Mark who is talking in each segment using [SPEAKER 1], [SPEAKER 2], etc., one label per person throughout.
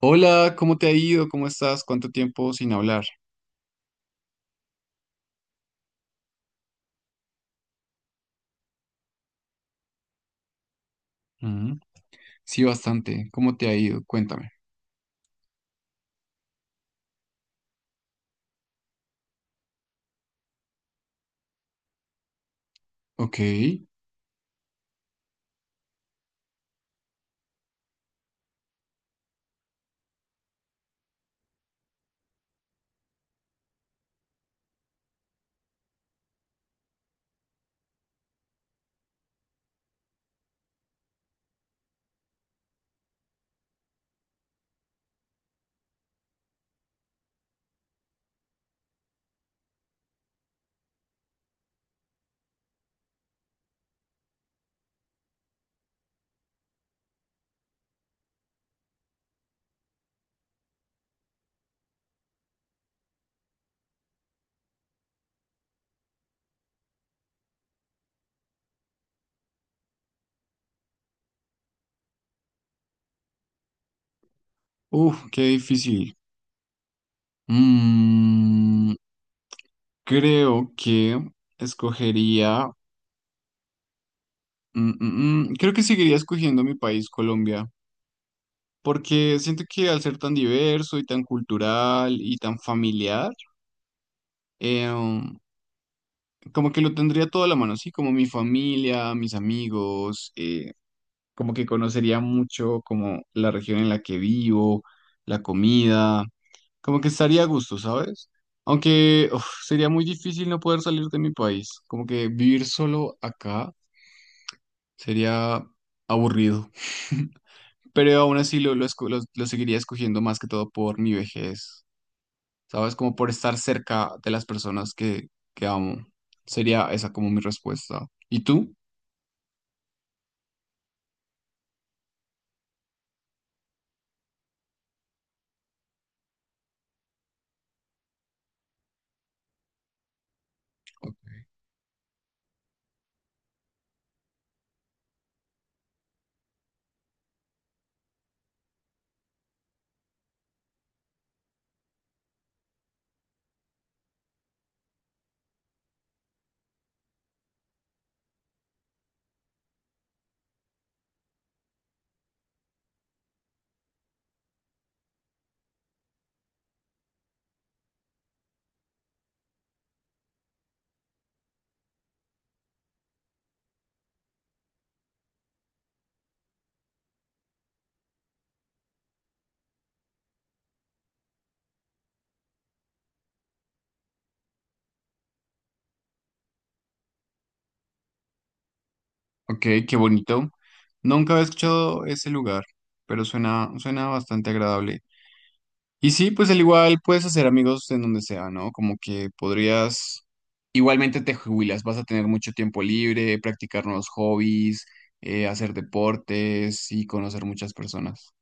[SPEAKER 1] Hola, ¿cómo te ha ido? ¿Cómo estás? ¿Cuánto tiempo sin hablar? Mm, sí, bastante. ¿Cómo te ha ido? Cuéntame. Ok. Uf, qué difícil. Mm, Creo que escogería... creo que seguiría escogiendo mi país, Colombia, porque siento que al ser tan diverso y tan cultural y tan familiar, eh, um, como que lo tendría todo a la mano, sí, como mi familia, mis amigos, como que conocería mucho como la región en la que vivo, la comida, como que estaría a gusto, ¿sabes? Aunque uf, sería muy difícil no poder salir de mi país, como que vivir solo acá sería aburrido, pero aún así lo seguiría escogiendo más que todo por mi vejez, ¿sabes? Como por estar cerca de las personas que amo. Sería esa como mi respuesta. ¿Y tú? Ok, qué bonito. Nunca había escuchado ese lugar, pero suena bastante agradable. Y sí, pues al igual puedes hacer amigos en donde sea, ¿no? Como que podrías, igualmente te jubilas, vas a tener mucho tiempo libre, practicar nuevos hobbies, hacer deportes y conocer muchas personas.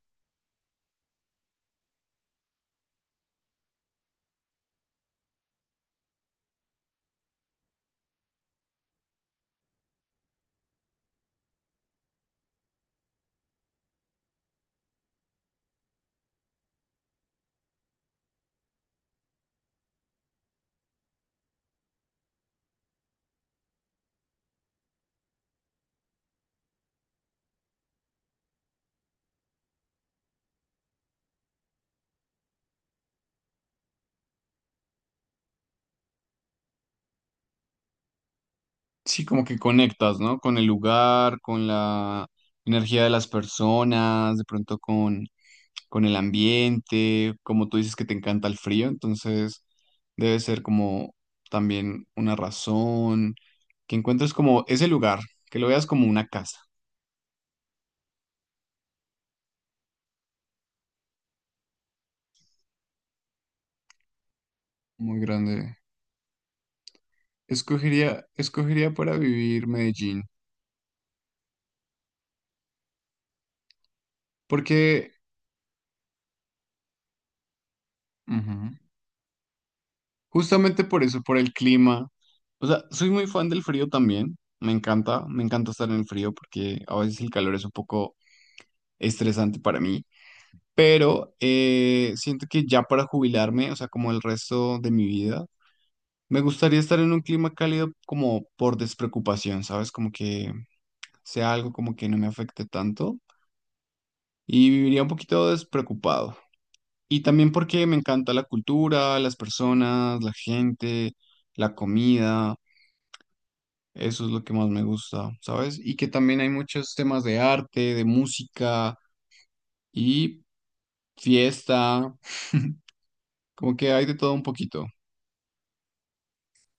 [SPEAKER 1] Sí, como que conectas, ¿no? Con el lugar, con la energía de las personas, de pronto con el ambiente, como tú dices que te encanta el frío, entonces debe ser como también una razón, que encuentres como ese lugar, que lo veas como una casa muy grande. Escogería para vivir Medellín, porque ujú, justamente por eso, por el clima. O sea, soy muy fan del frío también, me encanta estar en el frío porque a veces el calor es un poco estresante para mí. Pero siento que ya para jubilarme, o sea, como el resto de mi vida, me gustaría estar en un clima cálido como por despreocupación, ¿sabes? Como que sea algo como que no me afecte tanto y viviría un poquito despreocupado. Y también porque me encanta la cultura, las personas, la gente, la comida, eso es lo que más me gusta, ¿sabes? Y que también hay muchos temas de arte, de música y fiesta, como que hay de todo un poquito.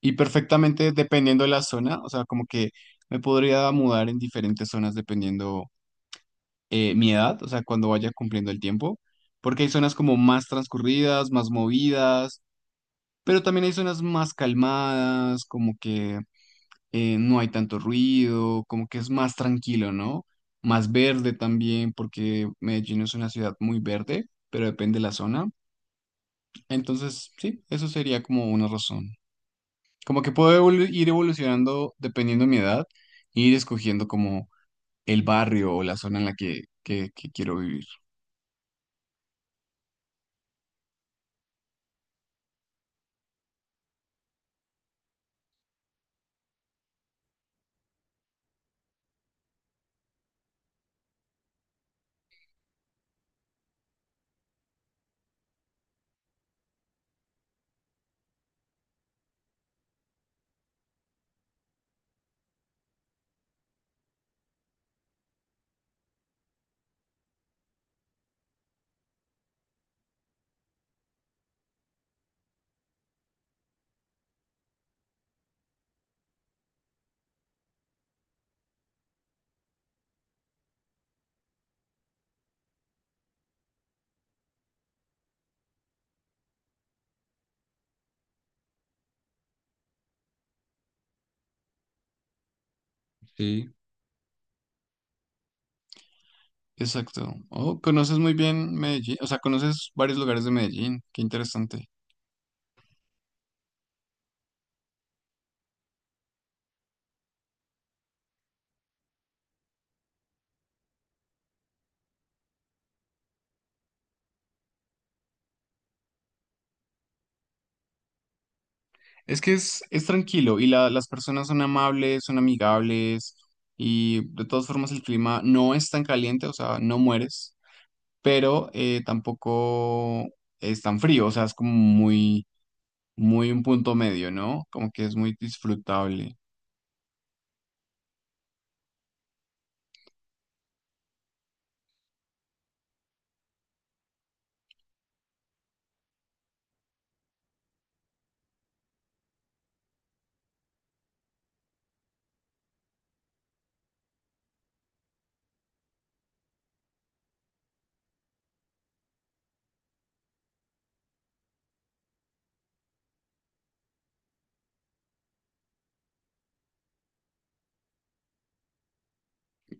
[SPEAKER 1] Y perfectamente dependiendo de la zona, o sea, como que me podría mudar en diferentes zonas dependiendo mi edad, o sea, cuando vaya cumpliendo el tiempo, porque hay zonas como más transcurridas, más movidas, pero también hay zonas más calmadas, como que no hay tanto ruido, como que es más tranquilo, ¿no? Más verde también, porque Medellín es una ciudad muy verde, pero depende de la zona. Entonces, sí, eso sería como una razón. Como que puedo ir evolucionando dependiendo de mi edad, e ir escogiendo como el barrio o la zona en la que quiero vivir. Sí. Exacto. Oh, conoces muy bien Medellín, o sea, conoces varios lugares de Medellín. Qué interesante. Es que es tranquilo y las personas son amables, son amigables y de todas formas el clima no es tan caliente, o sea, no mueres, pero tampoco es tan frío, o sea, es como muy un punto medio, ¿no? Como que es muy disfrutable.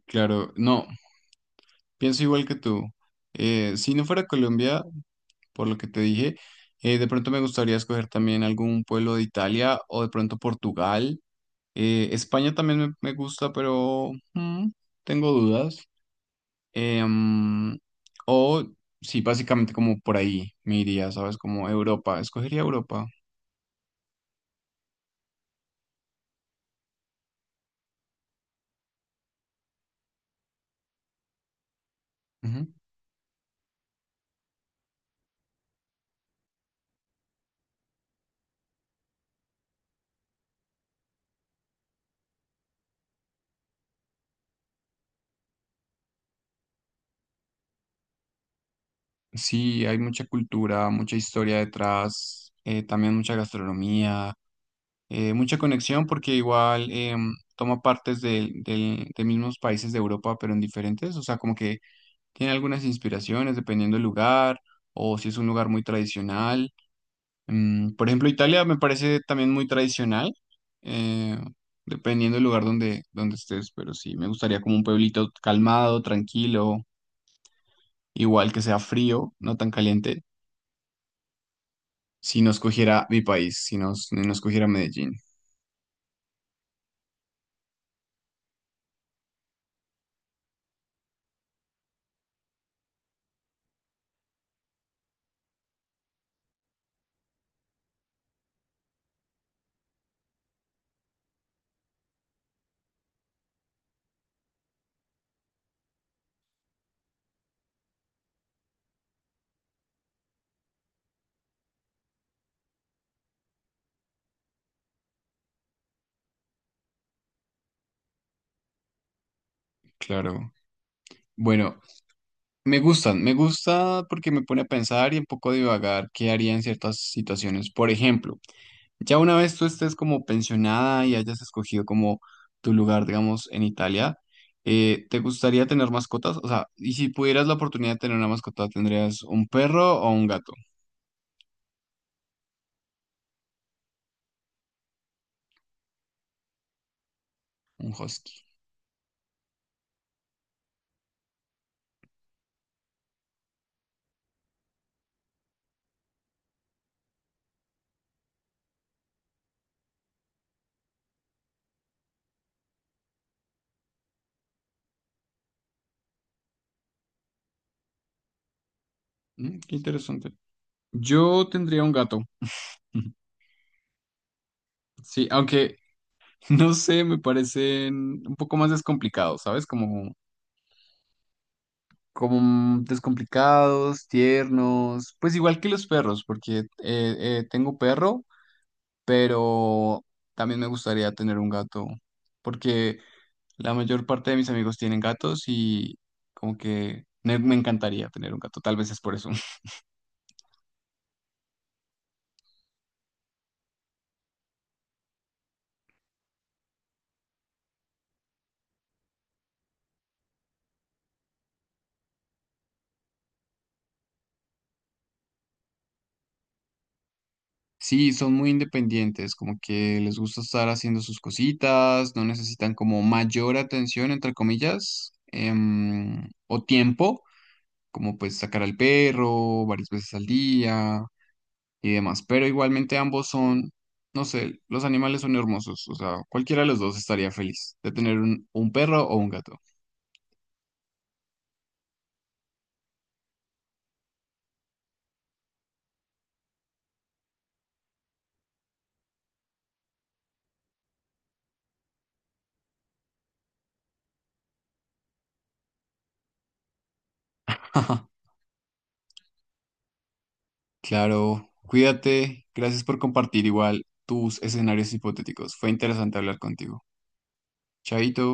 [SPEAKER 1] Claro, no, pienso igual que tú. Si no fuera Colombia, por lo que te dije, de pronto me gustaría escoger también algún pueblo de Italia o de pronto Portugal. España también me gusta, pero tengo dudas. Em, o sí, básicamente como por ahí me iría, ¿sabes? Como Europa, escogería Europa. Sí, hay mucha cultura, mucha historia detrás, también mucha gastronomía, mucha conexión porque igual toma partes de mismos países de Europa, pero en diferentes, o sea, como que tiene algunas inspiraciones dependiendo del lugar o si es un lugar muy tradicional. Por ejemplo, Italia me parece también muy tradicional, eh, dependiendo del lugar donde estés, pero sí, me gustaría como un pueblito calmado, tranquilo, igual que sea frío, no tan caliente. Si nos cogiera mi país, si nos cogiera Medellín, claro. Bueno, me gusta porque me pone a pensar y un poco a divagar qué haría en ciertas situaciones. Por ejemplo, ya una vez tú estés como pensionada y hayas escogido como tu lugar, digamos, en Italia, ¿te gustaría tener mascotas? O sea, y si pudieras la oportunidad de tener una mascota, ¿tendrías un perro o un gato? Un husky. Mm, qué interesante. Yo tendría un gato. Sí, aunque no sé, me parecen un poco más descomplicados, ¿sabes? Como, como descomplicados, tiernos, pues igual que los perros, porque tengo perro, pero también me gustaría tener un gato, porque la mayor parte de mis amigos tienen gatos y como que me encantaría tener un gato, tal vez es por eso. Sí, son muy independientes, como que les gusta estar haciendo sus cositas, no necesitan como mayor atención, entre comillas, o tiempo, como pues sacar al perro varias veces al día y demás. Pero igualmente ambos son, no sé, los animales son hermosos, o sea, cualquiera de los dos estaría feliz de tener un perro o un gato. Claro, cuídate, gracias por compartir igual tus escenarios hipotéticos. Fue interesante hablar contigo. Chaito.